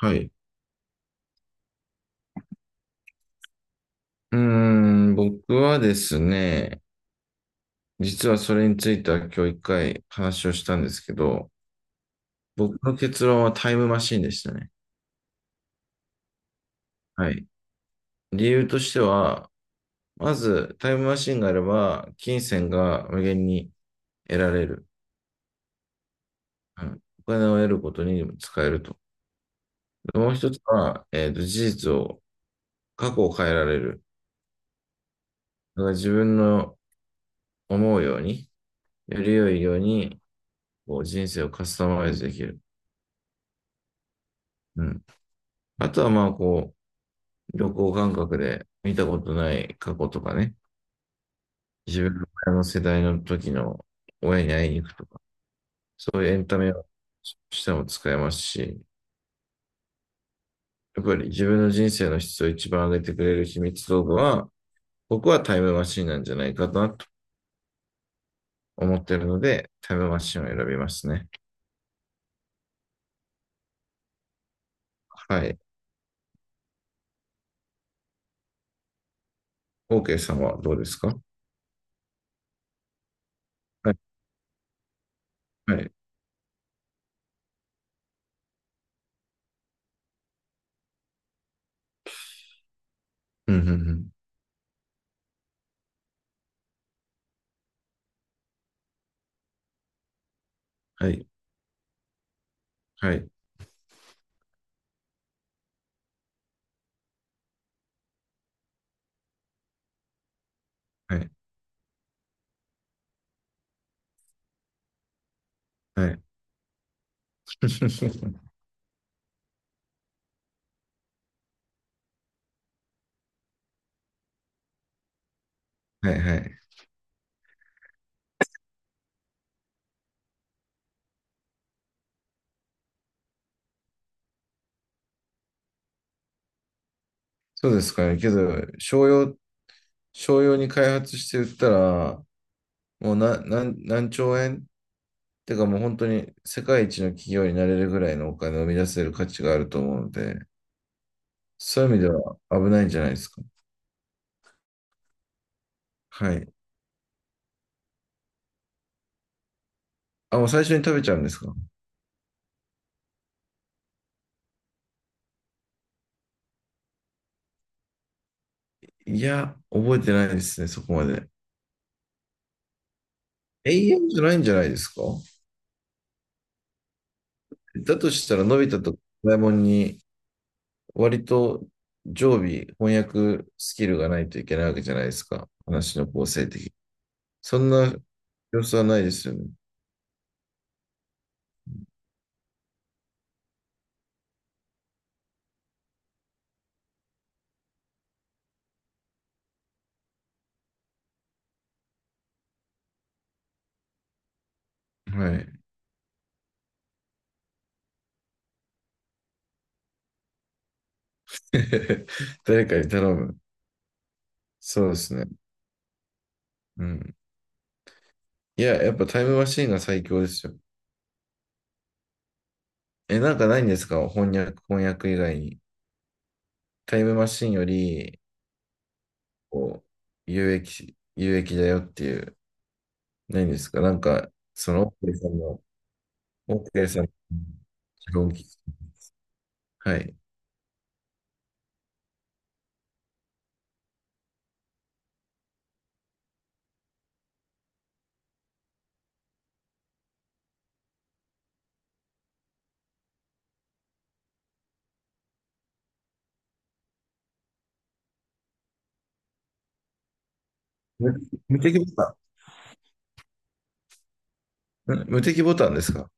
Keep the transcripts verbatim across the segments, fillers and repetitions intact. はい。うーん、僕はですね、実はそれについては今日一回話をしたんですけど、僕の結論はタイムマシンでしたね。はい。理由としては、まずタイムマシンがあれば、金銭が無限に得られる。うん、お金を得ることにも使えると。で、もう一つは、えっと、事実を、過去を変えられる。だから自分の思うように、より良いように、こう人生をカスタマイズできる。うん。あとはまあこう、旅行感覚で見たことない過去とかね、自分の親の世代の時の親に会いに行くとか、そういうエンタメをしても使えますし、やっぱり自分の人生の質を一番上げてくれる秘密道具は、僕はタイムマシンなんじゃないかなと思っているので、タイムマシンを選びますね。はい。OK さんはどうですか？はい。はい。うん、うん、うん。はい。はい。はい。はい。はい。はい。そうですかね。けど、商用商用に開発して売ったら、もうな、なんなんちょうえんって、かもう本当に世界一の企業になれるぐらいのお金を生み出せる価値があると思うので、そういう意味では危ないんじゃないですか。はい。あ、もう最初に食べちゃうんですか？いや、覚えてないですね、そこまで。永遠じゃないんじゃないですか？だとしたら、のび太とドラえもんに割と常備翻訳スキルがないといけないわけじゃないですか。話の構成的に。そんな様子はないですよね。はい。誰かに頼む。そうですね。うん。いや、やっぱタイムマシーンが最強ですよ。え、なんかないんですか？翻訳、翻訳以外に。タイムマシーンより、こう、有益、有益だよっていう、ないんですかなんか、その、オッケーさんの、オッケーさんの。はい。無無敵ボタン。ん、無敵ボタンですか？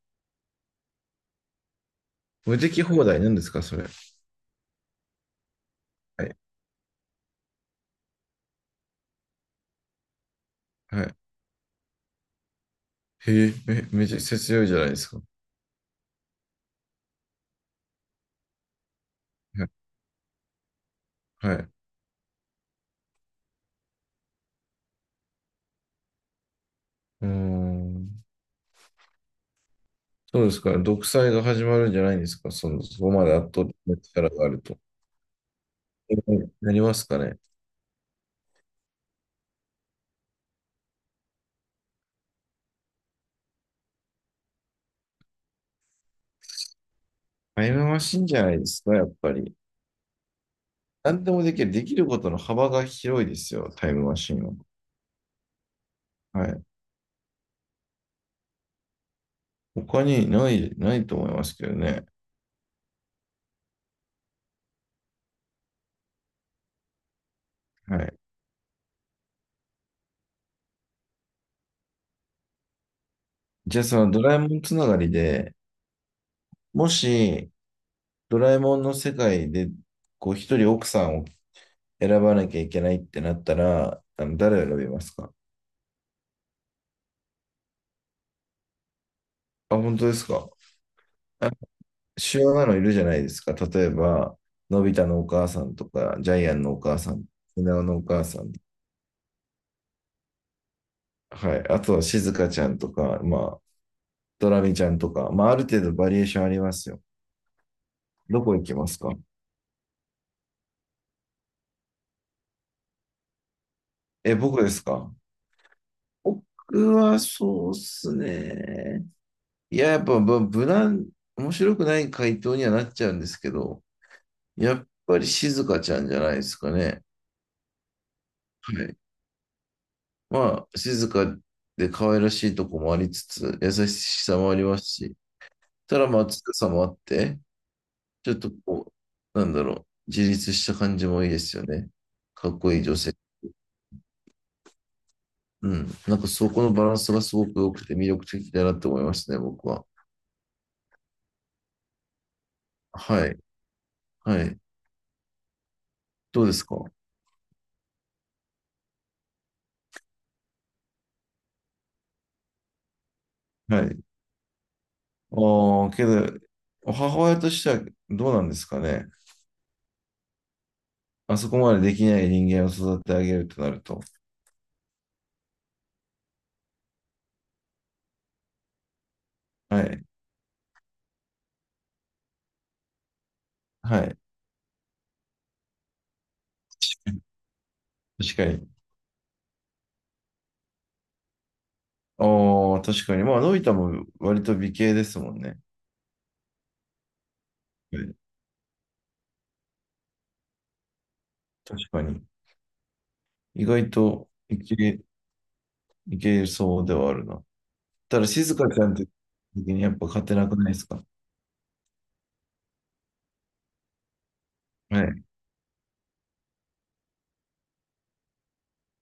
無敵放題なんですかそれ。はい。はい。へえ、め、めちゃくちゃ強いじゃないですか。はい。はい。うーん。そうですか。独裁が始まるんじゃないんですか。その、そこまで圧倒的な力があると。なりますかね。タイムマシンじゃないですか、やっぱり。何でもできる。できることの幅が広いですよ、タイムマシンは。はい。他にない、ないと思いますけどね。はい。じゃあ、そのドラえもんつながりで、もし、ドラえもんの世界で、こう、一人奥さんを選ばなきゃいけないってなったら、あの、誰を選びますか？あ、本当ですか。あ、主要なのいるじゃないですか。例えば、のび太のお母さんとか、ジャイアンのお母さん、ひなおのお母さん、はい。あとは、静香かちゃんとか、まあ、ドラミちゃんとか、まあ、ある程度バリエーションありますよ。どこ行きますか？え、僕ですか？僕はそうっすね。いや、やっぱ、ぶ無難、面白くない回答にはなっちゃうんですけど、やっぱり静香かちゃんじゃないですかね。はい。まあ、静かで可愛らしいとこもありつつ、優しさもありますし、たらまあ強さもあって、ちょっとこう、なんだろう、自立した感じもいいですよね。かっこいい女性。うん。なんかそこのバランスがすごく良くて魅力的だなって思いましたね、僕は。はい。はい。どうですか？はい。ああ、けど、母親としてはどうなんですかね。あそこまでできない人間を育ててあげるとなると。はい。はい。確かに。ああ、確かに。まあ、のび太も割と美形ですもんね。はい、確かに。意外と、美形いけそうではあるな。ただ、静香ちゃんって時にやっぱ勝てなくないですか？はい。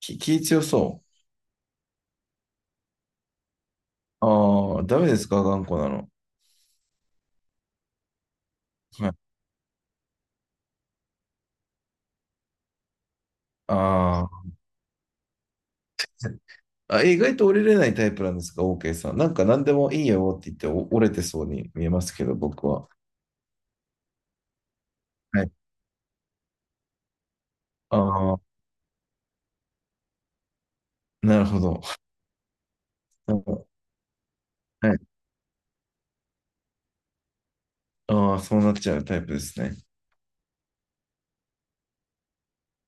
き気強そう。ああ、ダメですか頑固なの。はい。あーあ、意外と折れれないタイプなんですか？ OK さん。なんか何でもいいよって言ってお折れてそうに見えますけど、僕は。はい。ああ、なるほど。はい。ああ、そうなっちゃうタイプですね。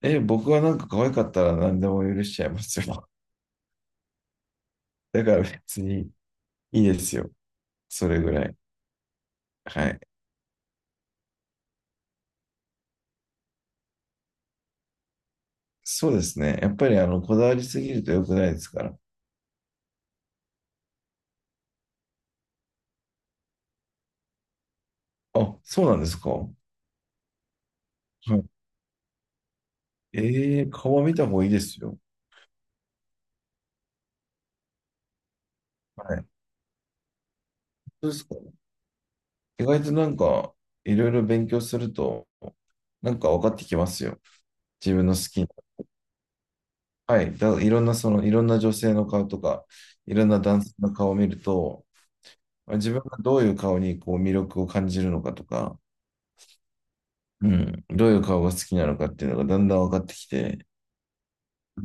え、僕はなんか可愛かったら何でも許しちゃいますよ。だから別にいいですよ。それぐらい。はい。そうですね。やっぱりあのこだわりすぎると良くないですから。あ、そうなんですか。はい、ええー、顔は見た方がいいですよ。はい。本当ですか。意外となんか、いろいろ勉強すると、なんか分かってきますよ。自分の好きな。はい。だ、いろんな、その、いろんな女性の顔とか、いろんな男性の顔を見ると、自分がどういう顔にこう魅力を感じるのかとか、うん、どういう顔が好きなのかっていうのがだんだん分かってきて、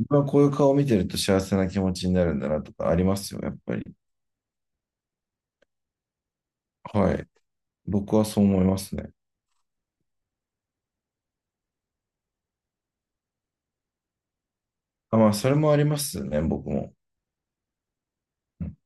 まあこういう顔を見てると幸せな気持ちになるんだなとかありますよ、やっぱり。はい。僕はそう思いますね。あ、まあ、それもありますね、僕も。うん